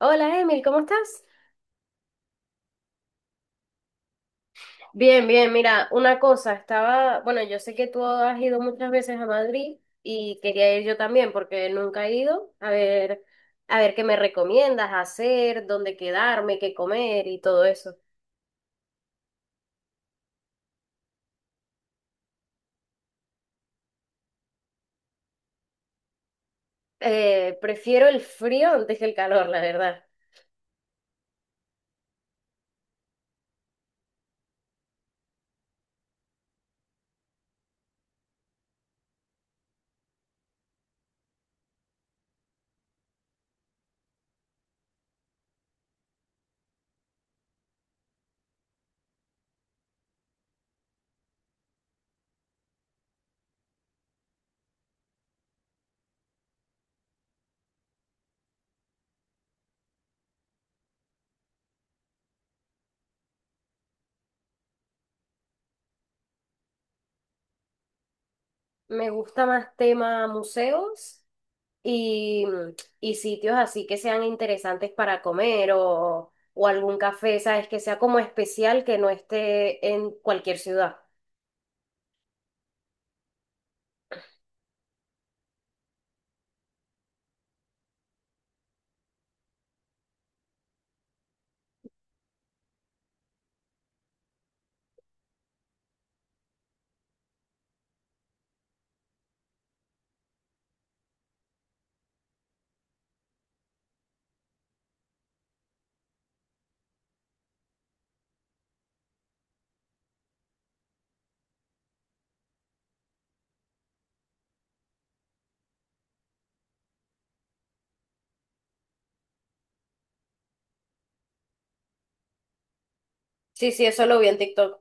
Hola Emil, ¿cómo estás? Bien, bien, mira, una cosa, estaba, bueno, yo sé que tú has ido muchas veces a Madrid y quería ir yo también porque nunca he ido, a ver qué me recomiendas hacer, dónde quedarme, qué comer y todo eso. Prefiero el frío antes que el calor, la verdad. Me gusta más tema museos y, y sitios así que sean interesantes para comer o algún café, ¿sabes? Que sea como especial que no esté en cualquier ciudad. Sí, sí, eso lo vi en TikTok.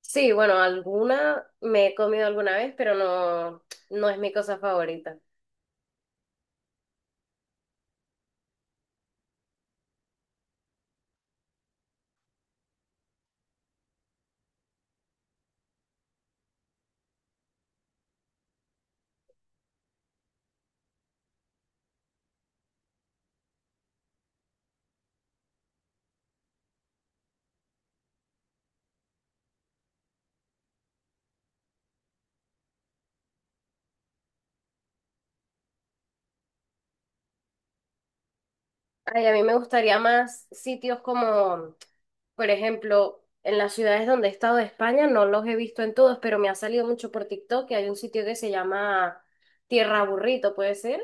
Sí, bueno, alguna me he comido alguna vez, pero no, no es mi cosa favorita. Ay, a mí me gustaría más sitios como, por ejemplo, en las ciudades donde he estado de España, no los he visto en todos, pero me ha salido mucho por TikTok que hay un sitio que se llama Tierra Burrito, ¿puede ser?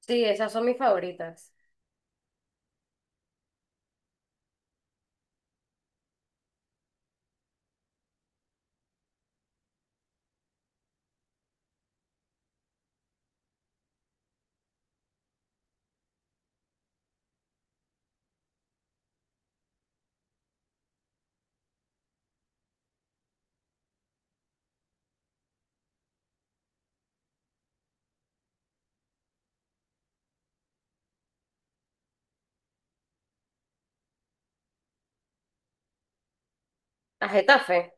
Sí, esas son mis favoritas. A Getafe.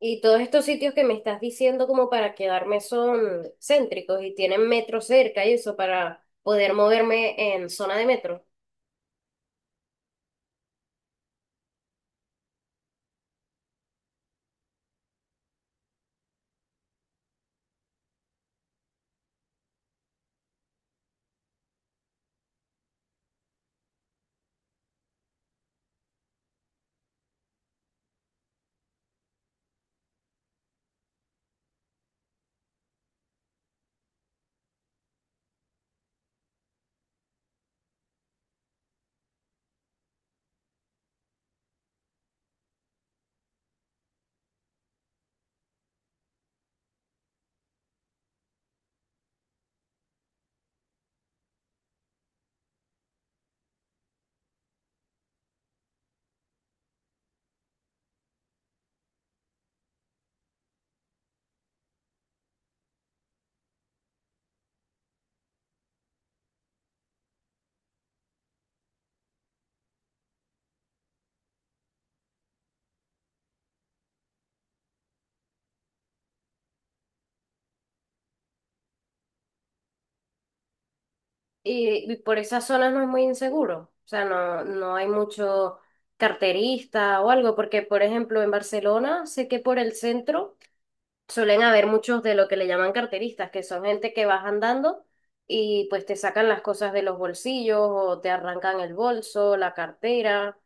Y todos estos sitios que me estás diciendo como para quedarme son céntricos y tienen metro cerca y eso para poder moverme en zona de metro. Y por esas zonas no es muy inseguro. O sea, no, no hay mucho carterista o algo, porque por ejemplo en Barcelona sé que por el centro suelen haber muchos de lo que le llaman carteristas, que son gente que vas andando y pues te sacan las cosas de los bolsillos o te arrancan el bolso, la cartera.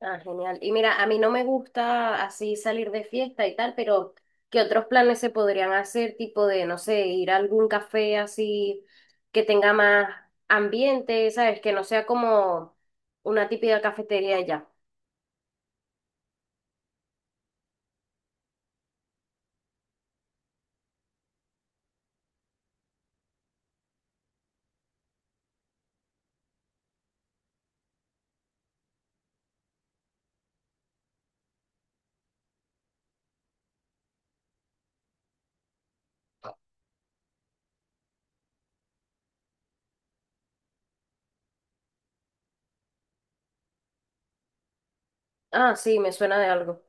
Ah, genial. Y mira, a mí no me gusta así salir de fiesta y tal, pero ¿qué otros planes se podrían hacer? Tipo de, no sé, ir a algún café así que tenga más ambiente, ¿sabes? Que no sea como una típica cafetería ya. Ah, sí, me suena de algo.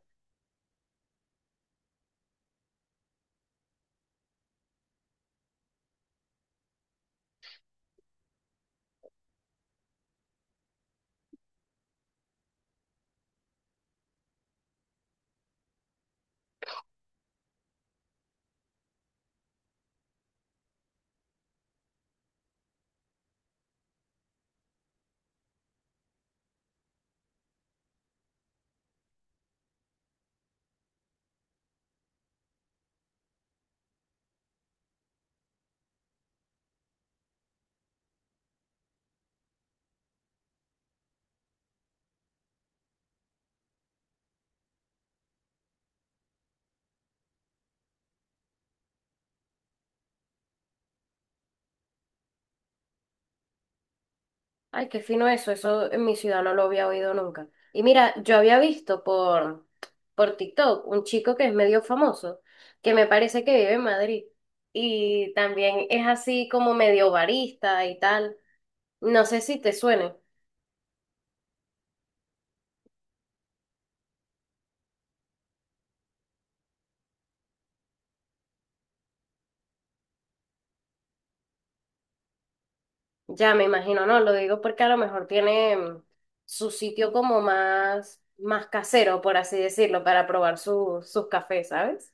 Ay, qué fino eso, eso en mi ciudad no lo había oído nunca. Y mira, yo había visto por TikTok un chico que es medio famoso, que me parece que vive en Madrid y también es así como medio barista y tal. No sé si te suene, ya me imagino, no, lo digo porque a lo mejor tiene su sitio como más, más casero, por así decirlo, para probar sus cafés, ¿sabes?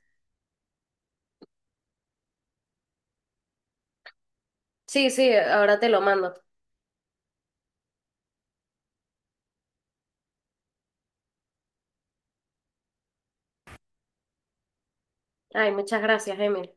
Sí, sí, ahora te lo mando. Ay, muchas gracias, Emil.